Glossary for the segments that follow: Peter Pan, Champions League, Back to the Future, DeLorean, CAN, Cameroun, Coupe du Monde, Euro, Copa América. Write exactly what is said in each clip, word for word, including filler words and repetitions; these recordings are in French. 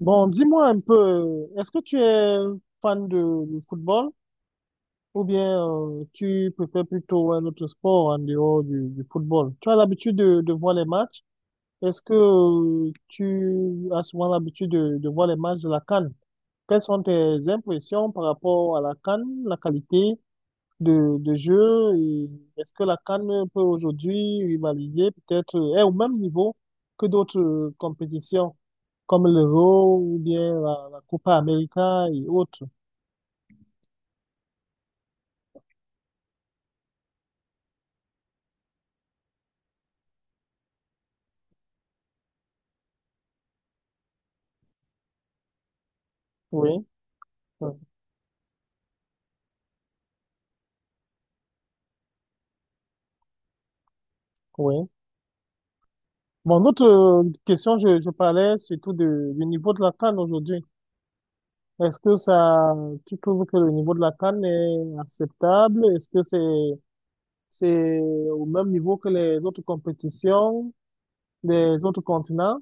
Bon, dis-moi un peu, est-ce que tu es fan de, du football ou bien euh, tu préfères plutôt un autre sport en dehors du, du football? Tu as l'habitude de, de voir les matchs? Est-ce que euh, tu as souvent l'habitude de, de voir les matchs de la CAN? Quelles sont tes impressions par rapport à la CAN, la qualité de, de jeu et est-ce que la CAN peut aujourd'hui rivaliser peut-être, euh, est au même niveau que d'autres euh, compétitions? comme l'Euro ou bien la, la Copa América et autres. Oui, euh, oui. Mon autre euh, question, je, je parlais surtout de, du niveau de la CAN aujourd'hui. Est-ce que ça, tu trouves que le niveau de la CAN est acceptable? Est-ce que c'est, c'est au même niveau que les autres compétitions des autres continents?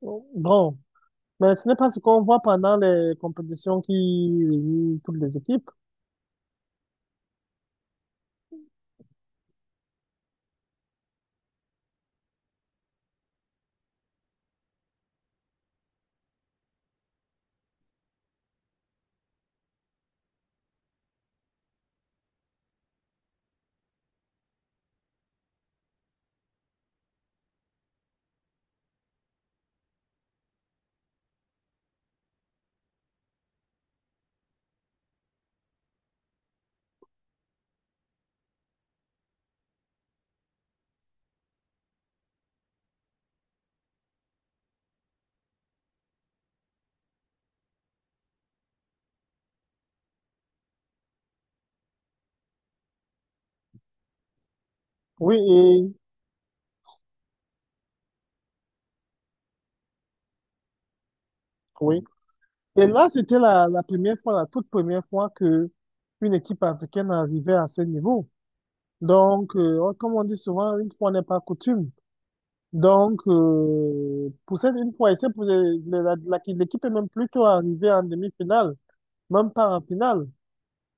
Bon, mais ce n'est pas ce qu'on voit pendant les compétitions qui réunissent toutes les équipes. Oui, et, oui. Et là, c'était la, la première fois, la toute première fois que une équipe africaine arrivait à ce niveau. Donc, euh, comme on dit souvent, une fois n'est pas coutume. Donc, euh, pour cette une fois, et c'est pour euh, la- la- la- l'équipe est même plutôt arrivée en demi-finale, même pas en finale.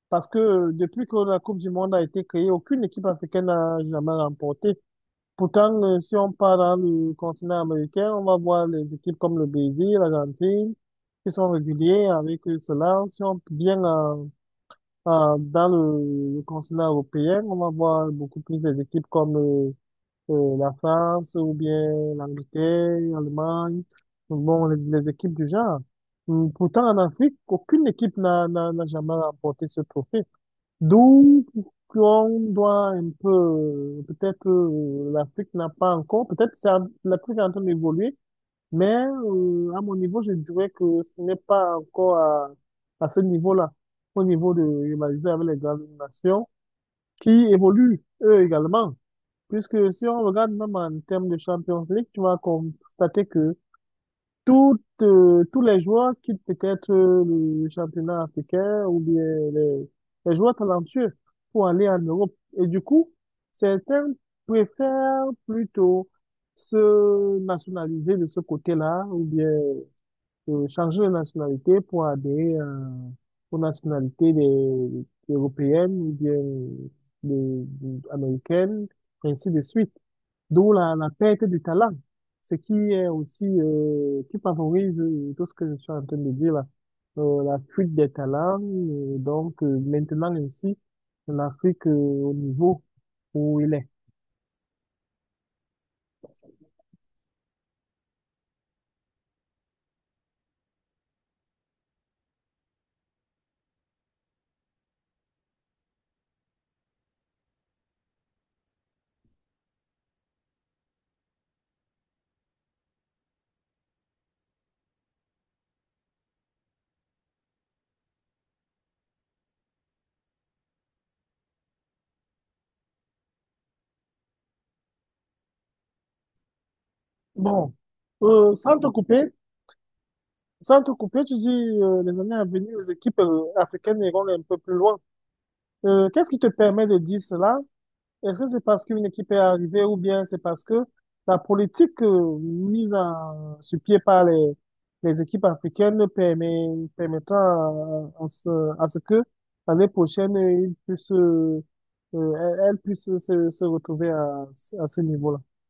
Parce que depuis que la Coupe du Monde a été créée, aucune équipe africaine n'a jamais remporté. Pourtant, euh, si on part dans le continent américain, on va voir les équipes comme le Brésil, l'Argentine, qui sont réguliers avec euh, cela. Si on vient en- en- dans le, le continent européen, on va voir beaucoup plus des équipes comme euh, euh, la France ou bien l'Angleterre, l'Allemagne, bon, les, les équipes du genre. Hum, Pourtant, en Afrique, aucune équipe n'a n'a- n'a jamais remporté ce trophée. Donc, on doit un peu, peut-être euh, l'Afrique n'a pas encore, peut-être c'est en- l'Afrique est en train d'évoluer, mais euh, à mon niveau, je dirais que ce n'est pas encore à, à, ce niveau-là, au niveau de rivaliser avec les grandes nations qui évoluent eux également. Puisque si on regarde même en termes de Champions League, tu vas constater que toutes, euh, tous les joueurs quittent peut-être euh, le championnat africain ou bien les, les joueurs talentueux pour aller en Europe. Et du coup, certains préfèrent plutôt se nationaliser de ce côté-là ou bien euh, changer de nationalité pour adhérer euh, aux nationalités des, européennes ou bien des, des américaines, ainsi de suite. D'où la, la perte du talent, ce qui est aussi, euh, qui favorise euh, tout ce que je suis en train de dire là, Euh, la fuite des talents. Euh, donc euh, maintenant ici, l'Afrique euh, au niveau où il est. Bon, euh, sans te couper, sans te couper, tu dis euh, les années à venir, les équipes euh, africaines iront un peu plus loin. Euh, qu'est-ce qui te permet de dire cela? Est-ce que c'est parce qu'une équipe est arrivée ou bien c'est parce que la politique euh, mise en, sur pied par les, les équipes africaines permet, permettant à, à ce, à ce que l'année prochaine, ils puissent, euh, euh, elles puissent se, se retrouver à, à ce niveau-là?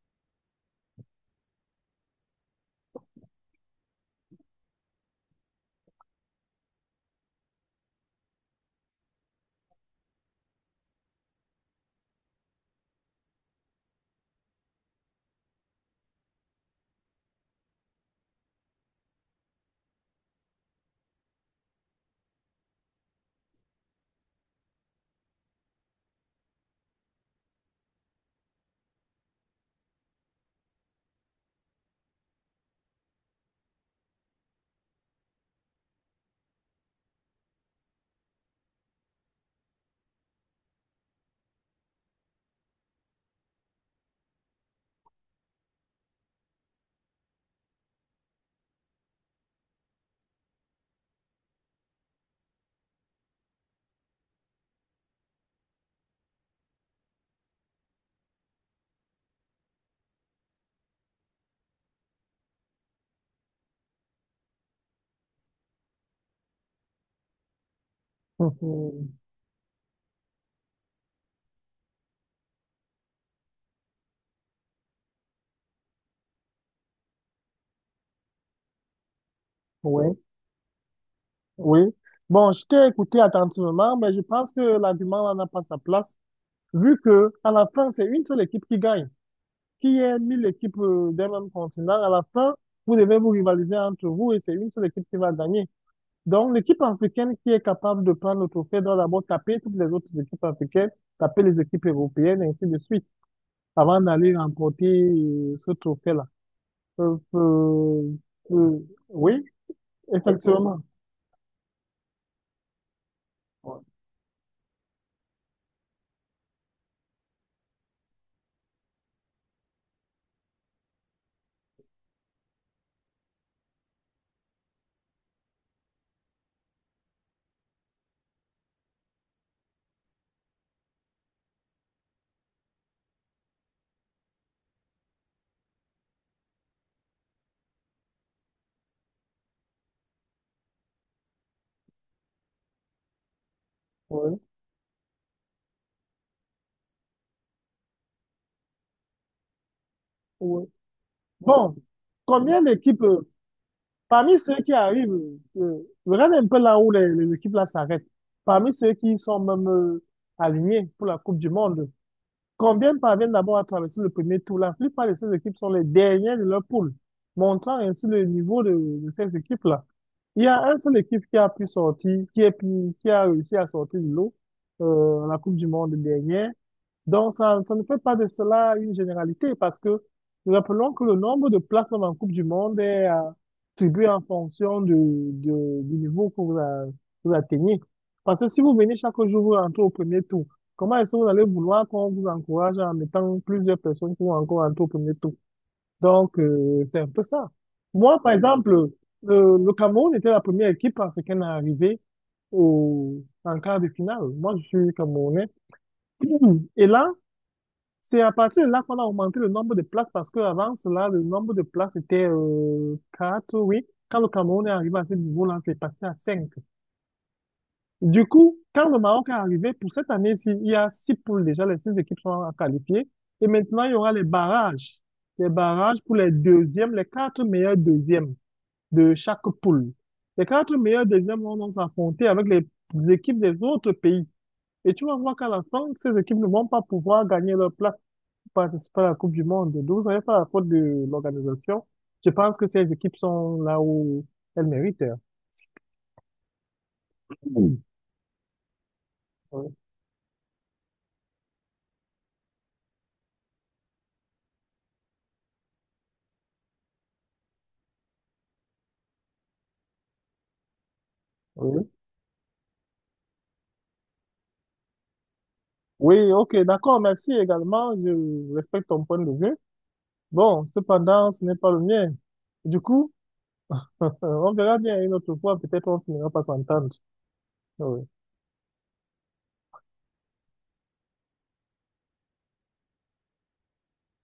Mhm. Oui, oui. Bon, je t'ai écouté attentivement, mais je pense que l'argument là n'a pas sa place, vu que à la fin, c'est une seule équipe qui gagne. qui est mille équipes euh, d'un même continent, à la fin, vous devez vous rivaliser entre vous et c'est une seule équipe qui va gagner. Donc, l'équipe africaine qui est capable de prendre le trophée doit d'abord taper toutes les autres équipes africaines, taper les équipes européennes, et ainsi de suite, avant d'aller remporter euh, ce trophée-là. Euh, euh, euh, oui, effectivement. Oui, oui. Bon, combien d'équipes, euh, Parmi ceux qui arrivent, euh, regarde un peu là où les, les équipes là s'arrêtent. Parmi ceux qui sont même euh, alignés pour la Coupe du Monde, combien parviennent d'abord à traverser le premier tour? La plupart de ces équipes sont les dernières de leur poule, montrant ainsi le niveau de, de ces équipes là. Il y a un seul équipe qui a pu sortir, qui est pu- qui a réussi à sortir de l'eau euh, à la Coupe du Monde dernière. Donc, ça, ça ne fait pas de cela une généralité parce que nous rappelons que le nombre de places même en Coupe du Monde est euh, attribué en fonction du, du, du niveau que vous, a- vous atteignez. Parce que si vous venez chaque jour, vous rentrez au premier tour, comment est-ce que vous allez vouloir qu'on vous encourage en mettant plusieurs personnes qui vont encore rentrer au premier tour? Donc, euh, c'est un peu ça. Moi, par exemple, le, le Cameroun était la première équipe africaine à arriver au, en quart de finale. Moi, je suis Camerounais. Et là, c'est à partir de là qu'on a augmenté le nombre de places parce qu'avant cela, le nombre de places était euh, quatre, oui. Quand le Cameroun est arrivé à ce niveau-là, c'est passé à cinq. Du coup, quand le Maroc est arrivé, pour cette année-ci, il y a six poules déjà, les six équipes sont qualifiées. Et maintenant, il y aura les barrages. Les barrages pour les deuxièmes, les quatre meilleurs deuxièmes de chaque poule. Les quatre meilleurs deuxièmes vont donc s'affronter avec les équipes des autres pays. Et tu vas voir qu'à la fin, ces équipes ne vont pas pouvoir gagner leur place participer à la Coupe du Monde. Donc, vous n'avez pas la faute de l'organisation. Je pense que ces équipes sont là où elles méritent. hein. Oui. Oui, oui. Oui, ok, d'accord, merci également. Je respecte ton point de vue. Bon, cependant, ce n'est pas le mien. Du coup, on verra bien une autre fois. Peut-être on finira par s'entendre. Oui.